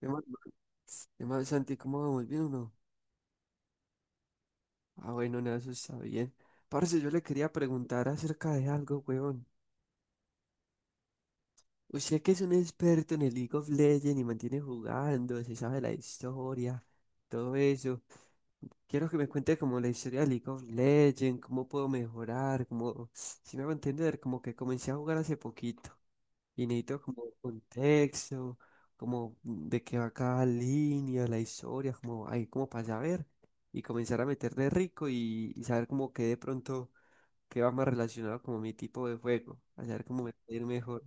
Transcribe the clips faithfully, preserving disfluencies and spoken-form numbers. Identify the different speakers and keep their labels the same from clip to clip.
Speaker 1: ¿Qué más, qué más, Santi? ¿Cómo vamos? ¿Bien o no? Ah, bueno, nada, eso está bien. Parce, yo le quería preguntar acerca de algo, weón. Usted que es un experto en el League of Legends y mantiene jugando, se sabe la historia, todo eso. Quiero que me cuente como la historia de League of Legends, cómo puedo mejorar, como, si me va a entender, como que comencé a jugar hace poquito. Y necesito como contexto, como de qué va cada línea, la historia, como ahí como para saber y comenzar a meterle rico y, y saber como que de pronto qué va más relacionado como mi tipo de juego, a saber cómo me puede ir mejor.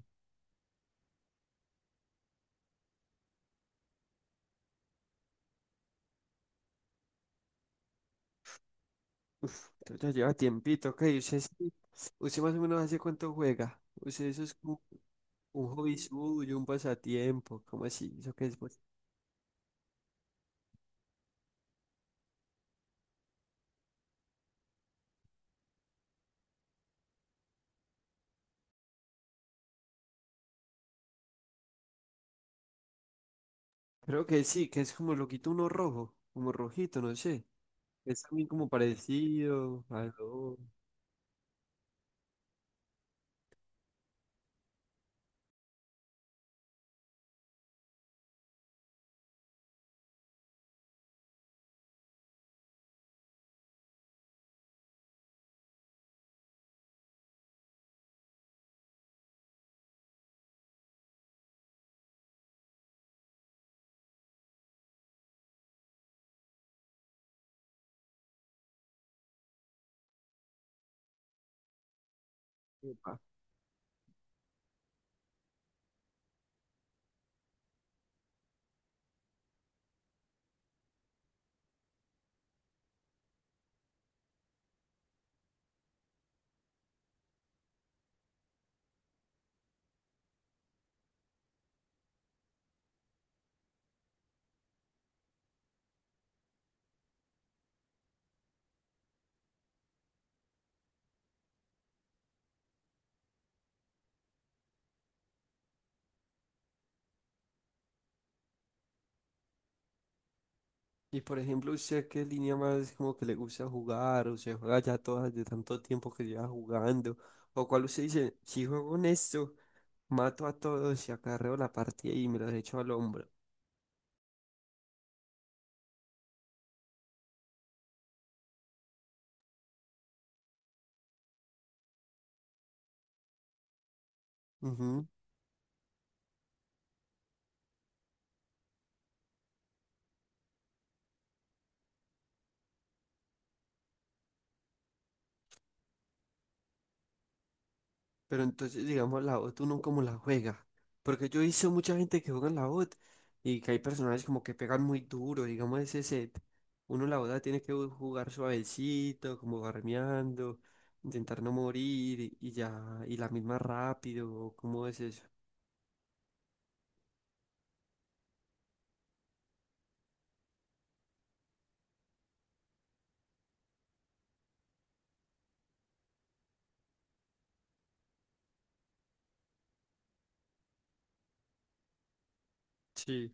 Speaker 1: Uf, pero ya lleva tiempito, ok, usted sí, usted más o menos hace cuánto juega, usted eso es como un hobby suyo, un pasatiempo, ¿cómo así? ¿Eso qué es, pues? Creo que sí, que es como loquito uno rojo, como rojito, no sé. Es también como parecido, algo. Epa. Y por ejemplo, ¿usted qué línea más como que le gusta jugar? ¿O se juega ya todas de tanto tiempo que lleva jugando? ¿O cuál usted dice, si juego en esto, mato a todos y acarreo la partida y me los echo al hombro? Pero entonces, digamos, la bot uno como la juega. Porque yo he visto mucha gente que juega en la bot y que hay personajes como que pegan muy duro, digamos, ese set. Uno la bot tiene que ju- jugar suavecito, como farmeando, intentar no morir y, y ya, y la misma rápido, ¿o ¿cómo es eso? Sí.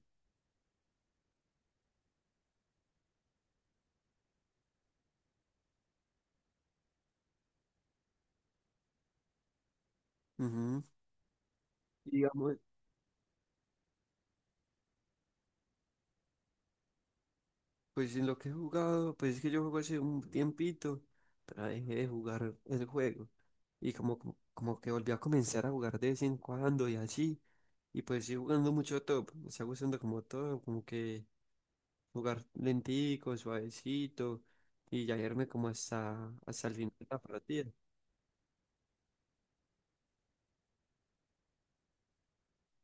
Speaker 1: Ujú. Digamos, pues en lo que he jugado, pues es que yo juego hace un tiempito, pero dejé de jugar el juego. Y como, como, como que volví a comenzar a jugar de vez en cuando y así. Y pues sí jugando mucho top, me está gustando como todo, como que jugar lentico, suavecito y ya irme como hasta, hasta el final de la partida.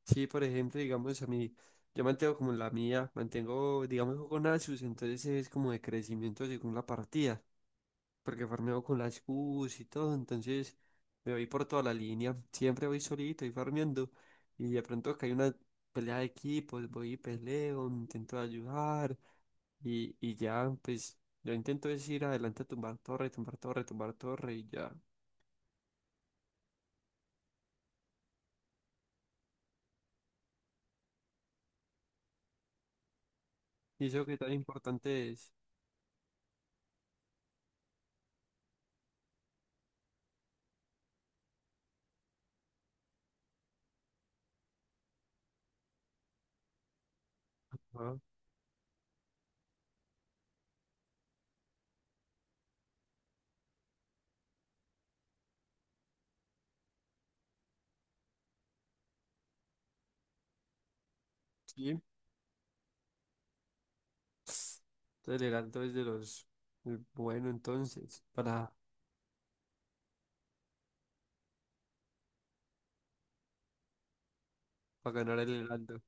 Speaker 1: Sí, por ejemplo, digamos a mí, yo mantengo como la mía, mantengo, digamos, juego Nasus, entonces es como de crecimiento según la partida. Porque farmeo con las Qs y todo, entonces me voy por toda la línea, siempre voy solito y farmeando, y de pronto que hay una pelea de equipos, voy y peleo, intento ayudar, y, y ya, pues, yo intento es ir adelante a tumbar torre, tumbar torre, tumbar torre, y ya, y eso que tan importante es. Ajá, sí, entonces el heraldo es de los, el bueno entonces, para, para ganar el heraldo.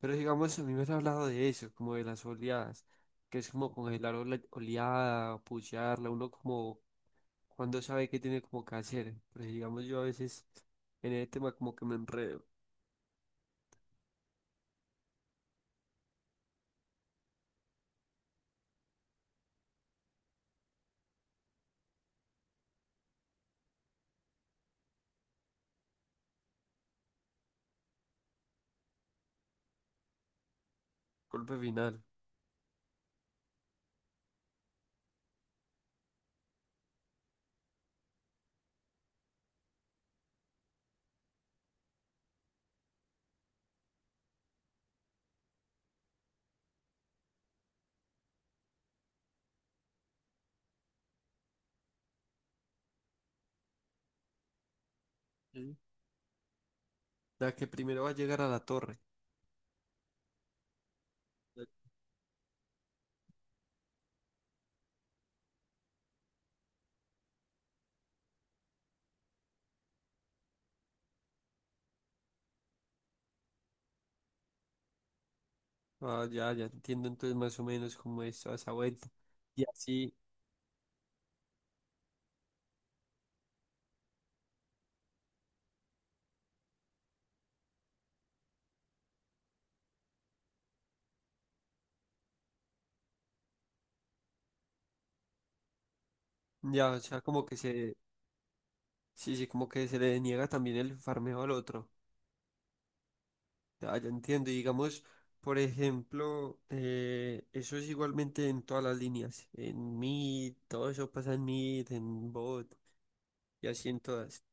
Speaker 1: Pero digamos, a mí me han hablado de eso, como de las oleadas, que es como congelar ola- oleada, pullarla, uno como cuando sabe qué tiene como que hacer. Pero digamos, yo a veces en el tema como que me enredo. Golpe final. Sí. La que primero va a llegar a la torre. Ah, ya, ya entiendo entonces más o menos cómo es toda esa vuelta. Y así, ya, o sea, como que se, sí, sí, como que se le niega también el farmeo al otro. Ya, ya entiendo. Y digamos, por ejemplo, eh, eso es igualmente en todas las líneas. En Meet, todo eso pasa en Meet, en Bot y así en todas.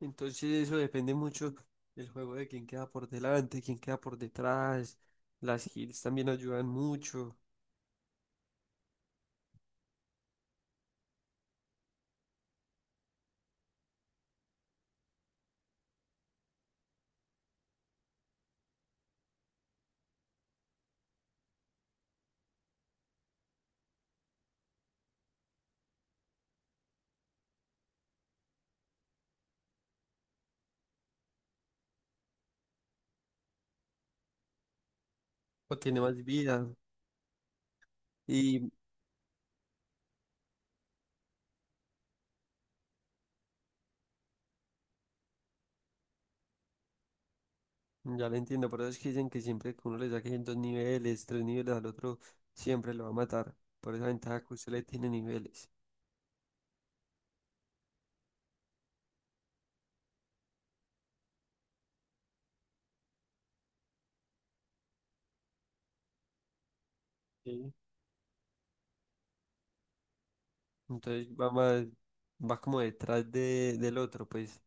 Speaker 1: Entonces eso depende mucho del juego de quién queda por delante, quién queda por detrás. Las heals también ayudan mucho o tiene más vida. Y ya lo entiendo, por eso es que dicen que siempre que uno le saque en dos niveles, tres niveles al otro, siempre lo va a matar. Por esa ventaja que usted le tiene niveles. Sí. Entonces va más, va como detrás de, del otro, pues.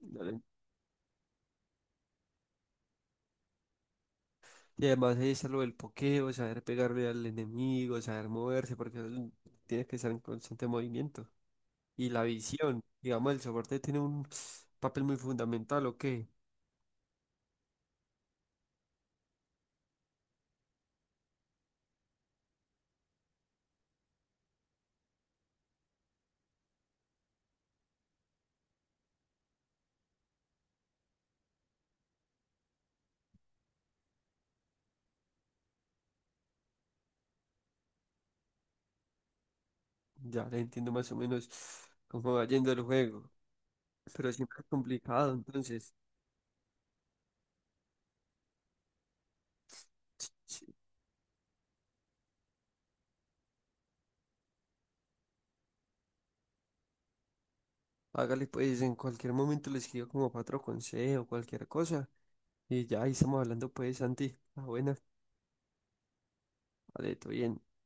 Speaker 1: Dale. Y además ahí está lo del pokeo, saber pegarle al enemigo, saber moverse, porque eso tiene que estar en constante movimiento. Y la visión, digamos, el soporte tiene un papel muy fundamental, ¿o qué? Ya le entiendo más o menos cómo va yendo el juego. Pero siempre es complicado, entonces, sí, sí. Hágale pues, en cualquier momento le escribo como cuatro consejos, cualquier cosa. Y ya ahí estamos hablando pues, Santi. Ah, buena, vale, todo bien.